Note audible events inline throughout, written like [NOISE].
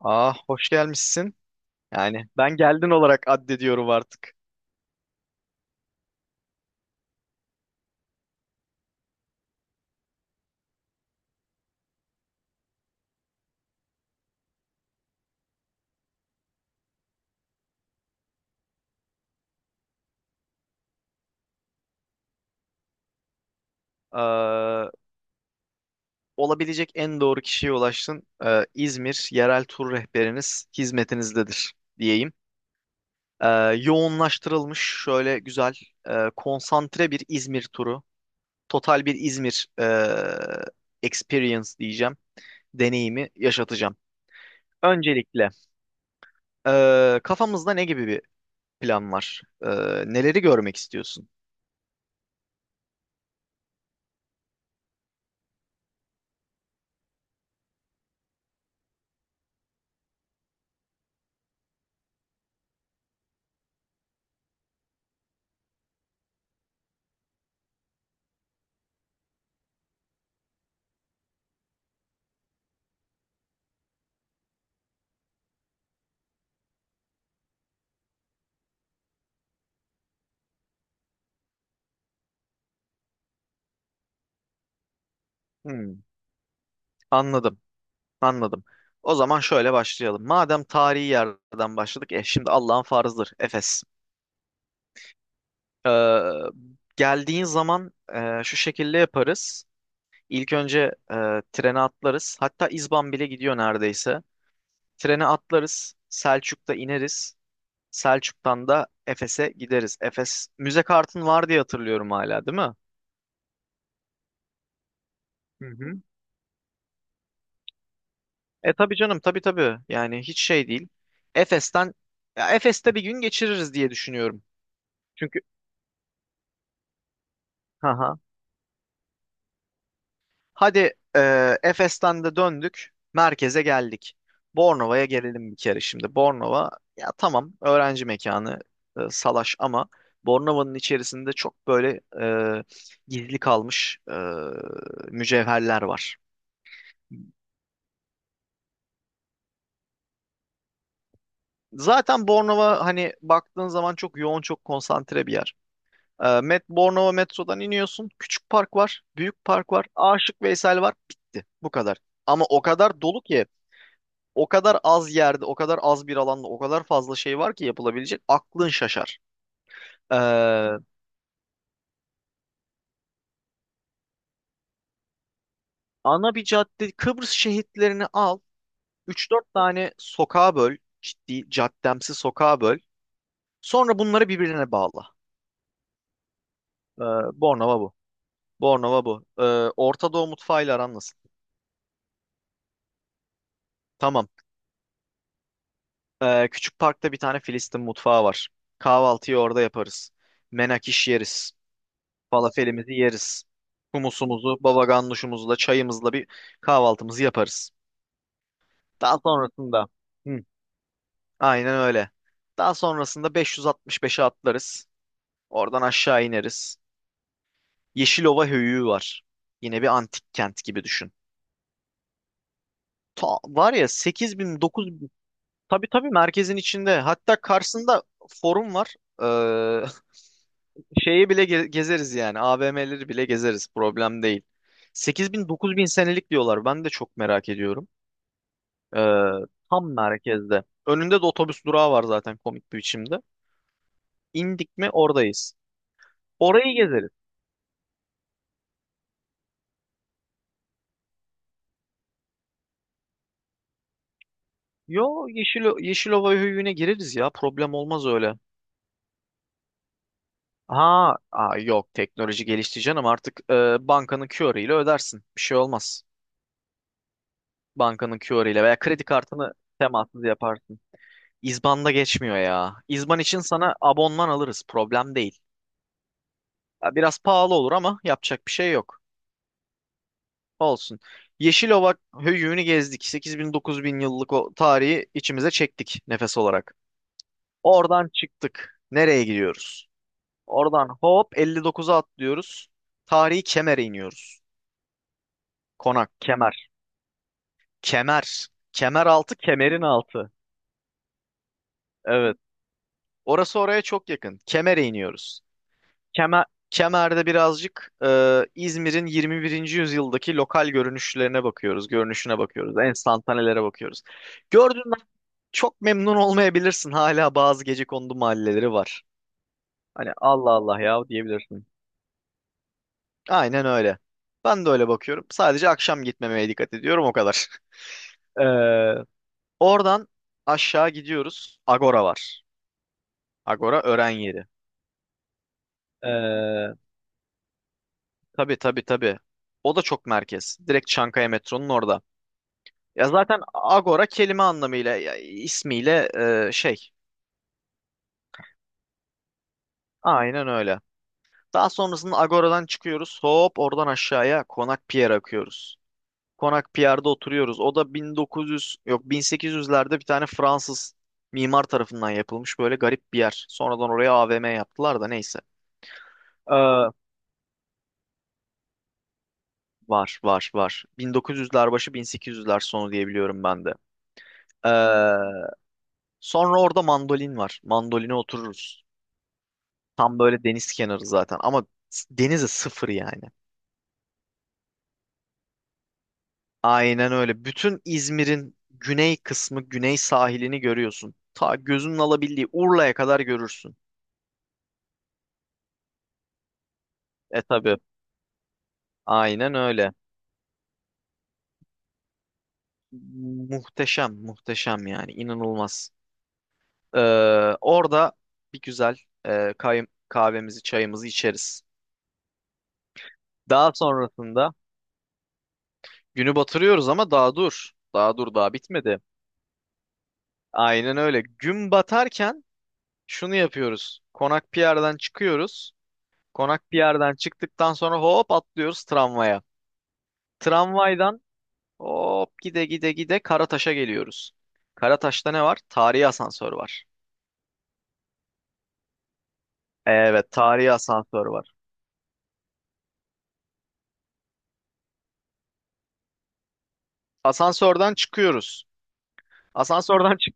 Ah, hoş gelmişsin. Yani ben geldin olarak addediyorum artık. Ee, Olabilecek en doğru kişiye ulaştın. İzmir yerel tur rehberiniz hizmetinizdedir diyeyim. Ee, Yoğunlaştırılmış şöyle güzel konsantre bir İzmir turu. Total bir İzmir experience diyeceğim. Deneyimi yaşatacağım. Öncelikle kafamızda ne gibi bir plan var? Neleri görmek istiyorsun? Hmm, anladım. Anladım. O zaman şöyle başlayalım. Madem tarihi yerden başladık, şimdi Allah'ın farzıdır. Efes. Ee, Geldiğin zaman şu şekilde yaparız. İlk önce e, trene atlarız. Hatta İzban bile gidiyor neredeyse. Trene atlarız. Selçuk'ta ineriz. Selçuk'tan da Efes'e gideriz. Efes müze kartın var diye hatırlıyorum hala, değil mi? Hı hı. Tabii canım, tabii tabii. Yani hiç şey değil. Efes'ten Efes'te bir gün geçiririz diye düşünüyorum. Çünkü ha Hadi, Efes'ten de döndük. Merkeze geldik. Bornova'ya gelelim bir kere şimdi. Bornova ya tamam, öğrenci mekanı, salaş, ama Bornova'nın içerisinde çok böyle e, gizli kalmış mücevherler var. Zaten Bornova hani baktığın zaman çok yoğun, çok konsantre bir yer. Bornova metrodan iniyorsun. Küçük park var, büyük park var, Aşık Veysel var. Bitti. Bu kadar. Ama o kadar dolu ki, o kadar az yerde, o kadar az bir alanda, o kadar fazla şey var ki yapılabilecek. Aklın şaşar. Ee, Ana bir cadde, Kıbrıs şehitlerini al. Üç dört tane sokağa böl. Ciddi, caddemsi sokağa böl. Sonra bunları birbirine bağla. Ee, Bornova bu. Bornova bu. Orta Doğu mutfağıyla aran nasıl? Tamam. Küçük parkta bir tane Filistin mutfağı var. Kahvaltıyı orada yaparız. Menakiş yeriz. Falafelimizi yeriz. Humusumuzu, baba ganuşumuzla, çayımızla bir kahvaltımızı yaparız. Daha sonrasında Hı, aynen öyle. Daha sonrasında 565'e atlarız. Oradan aşağı ineriz. Yeşilova Höyüğü var. Yine bir antik kent gibi düşün. Ta, var ya, 8000 9000. Tabii tabii, merkezin içinde. Hatta karşısında Forum var. Ee, [LAUGHS] Şeyi bile gezeriz yani. AVM'leri bile gezeriz. Problem değil. 8000 9000 senelik diyorlar. Ben de çok merak ediyorum. Ee, Tam merkezde. Önünde de otobüs durağı var zaten, komik bir biçimde. İndik mi oradayız. Orayı gezeriz. Yo, Yeşilova höyüğüne gireriz ya. Problem olmaz öyle. Ha, aa, yok, teknoloji gelişti canım artık, bankanın QR ile ödersin. Bir şey olmaz. Bankanın QR ile veya kredi kartını temassız yaparsın. İzban'da geçmiyor ya. İzban için sana abonman alırız. Problem değil. Ya, biraz pahalı olur ama yapacak bir şey yok. Olsun. Yeşilova höyüğünü gezdik. 8000 bin yıllık o tarihi içimize çektik nefes olarak. Oradan çıktık. Nereye gidiyoruz? Oradan hop 59'a atlıyoruz. Tarihi Kemer'e iniyoruz. Konak, Kemer. Kemer. Kemer altı, Kemer'in altı. Evet. Orası oraya çok yakın. Kemer'e iniyoruz. Kemer'de birazcık İzmir'in 21. yüzyıldaki lokal görünüşlerine bakıyoruz. Görünüşüne bakıyoruz. Enstantanelere bakıyoruz. Gördüğünden çok memnun olmayabilirsin. Hala bazı gecekondu mahalleleri var. Hani Allah Allah ya diyebilirsin. Aynen öyle. Ben de öyle bakıyorum. Sadece akşam gitmemeye dikkat ediyorum o kadar. [LAUGHS] Ee, Oradan aşağı gidiyoruz. Agora var. Agora öğren yeri. Ee, tabii tabii tabii. O da çok merkez. Direkt Çankaya metronun orada. Ya zaten Agora kelime anlamıyla ya ismiyle şey. Aynen öyle. Daha sonrasında Agora'dan çıkıyoruz. Hop oradan aşağıya Konak Pier akıyoruz. Konak Pierre'de oturuyoruz. O da 1900, yok, 1800'lerde bir tane Fransız mimar tarafından yapılmış böyle garip bir yer. Sonradan oraya AVM yaptılar da neyse. Ee, Var var var. 1900'ler başı, 1800'ler sonu diyebiliyorum ben de. Ee, Sonra orada Mandolin var. Mandoline otururuz. Tam böyle deniz kenarı zaten ama denize sıfır yani. Aynen öyle. Bütün İzmir'in güney kısmı, güney sahilini görüyorsun. Ta gözünün alabildiği Urla'ya kadar görürsün. Tabi. Aynen öyle. Muhteşem, muhteşem, yani inanılmaz. Ee, Orada bir güzel kahvemizi, çayımızı içeriz. Daha sonrasında günü batırıyoruz ama daha dur. Daha dur, daha bitmedi. Aynen öyle. Gün batarken şunu yapıyoruz. Konak Pierre'den çıkıyoruz. Konak Pierre'den çıktıktan sonra hop atlıyoruz tramvaya. Tramvaydan hop gide gide gide Karataş'a geliyoruz. Karataş'ta ne var? Tarihi asansör var. Evet, tarihi asansör var. Asansörden çıkıyoruz. Asansörden çık.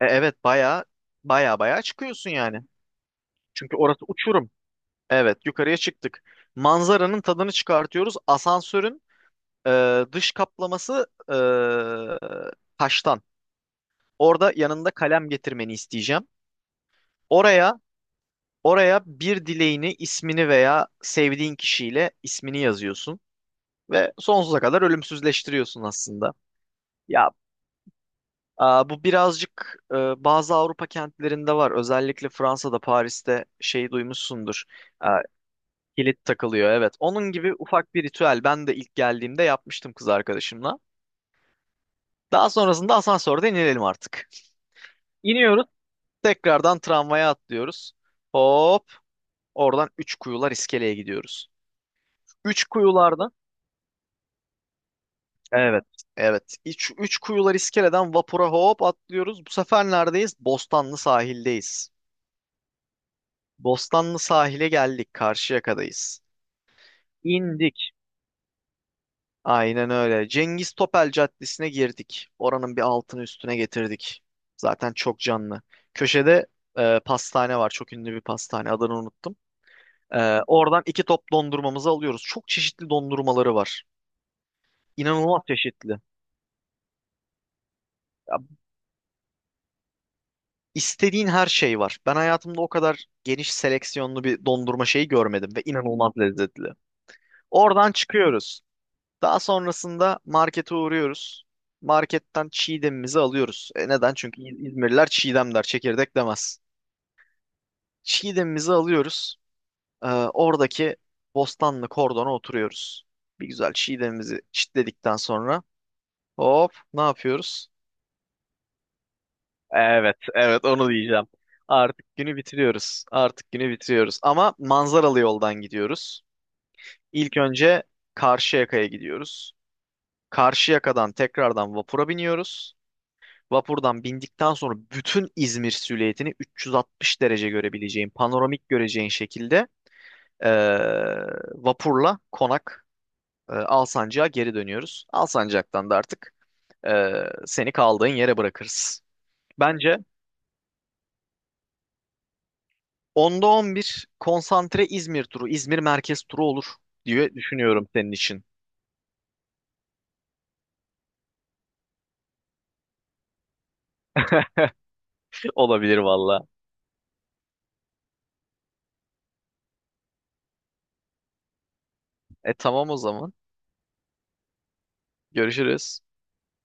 Evet, baya, baya, baya çıkıyorsun yani. Çünkü orası uçurum. Evet, yukarıya çıktık. Manzaranın tadını çıkartıyoruz. Asansörün dış kaplaması e, taştan. Orada yanında kalem getirmeni isteyeceğim. Oraya oraya bir dileğini, ismini veya sevdiğin kişiyle ismini yazıyorsun ve sonsuza kadar ölümsüzleştiriyorsun aslında. Ya, aa, bu birazcık bazı Avrupa kentlerinde var. Özellikle Fransa'da, Paris'te şeyi duymuşsundur. Aa, kilit takılıyor, evet. Onun gibi ufak bir ritüel. Ben de ilk geldiğimde yapmıştım kız arkadaşımla. Daha sonrasında asansörde inelim artık. İniyoruz, tekrardan tramvaya atlıyoruz. Hop, oradan Üç Kuyular iskeleye gidiyoruz. Üç Kuyularda, evet, evet. Üç Kuyular iskeleden vapura hop atlıyoruz. Bu sefer neredeyiz? Bostanlı sahildeyiz. Bostanlı sahile geldik. Karşıyaka'dayız. İndik. Aynen öyle. Cengiz Topel Caddesi'ne girdik. Oranın bir altını üstüne getirdik. Zaten çok canlı. Köşede pastane var. Çok ünlü bir pastane. Adını unuttum. Oradan iki top dondurmamızı alıyoruz. Çok çeşitli dondurmaları var. İnanılmaz çeşitli. Ya, istediğin her şey var. Ben hayatımda o kadar geniş seleksiyonlu bir dondurma şeyi görmedim ve inanılmaz lezzetli. Oradan çıkıyoruz. Daha sonrasında markete uğruyoruz. Marketten çiğdemimizi alıyoruz. Neden? Çünkü İzmirliler çiğdem der, çekirdek demez. Çiğdemimizi alıyoruz. Ee, Oradaki Bostanlı kordona oturuyoruz. Bir güzel çiğdemimizi çitledikten sonra hop ne yapıyoruz? Evet, evet, onu diyeceğim. Artık günü bitiriyoruz. Artık günü bitiriyoruz. Ama manzaralı yoldan gidiyoruz. İlk önce Karşıyaka'ya gidiyoruz. Karşıyaka'dan tekrardan vapura biniyoruz. Vapurdan bindikten sonra bütün İzmir silüetini 360 derece görebileceğin, panoramik göreceğin şekilde, e, vapurla Alsancak'a geri dönüyoruz. Alsancak'tan da artık e, seni kaldığın yere bırakırız. Bence 10'da 11 konsantre İzmir turu, İzmir merkez turu olur diye düşünüyorum senin için. [LAUGHS] Olabilir valla. Tamam o zaman. Görüşürüz.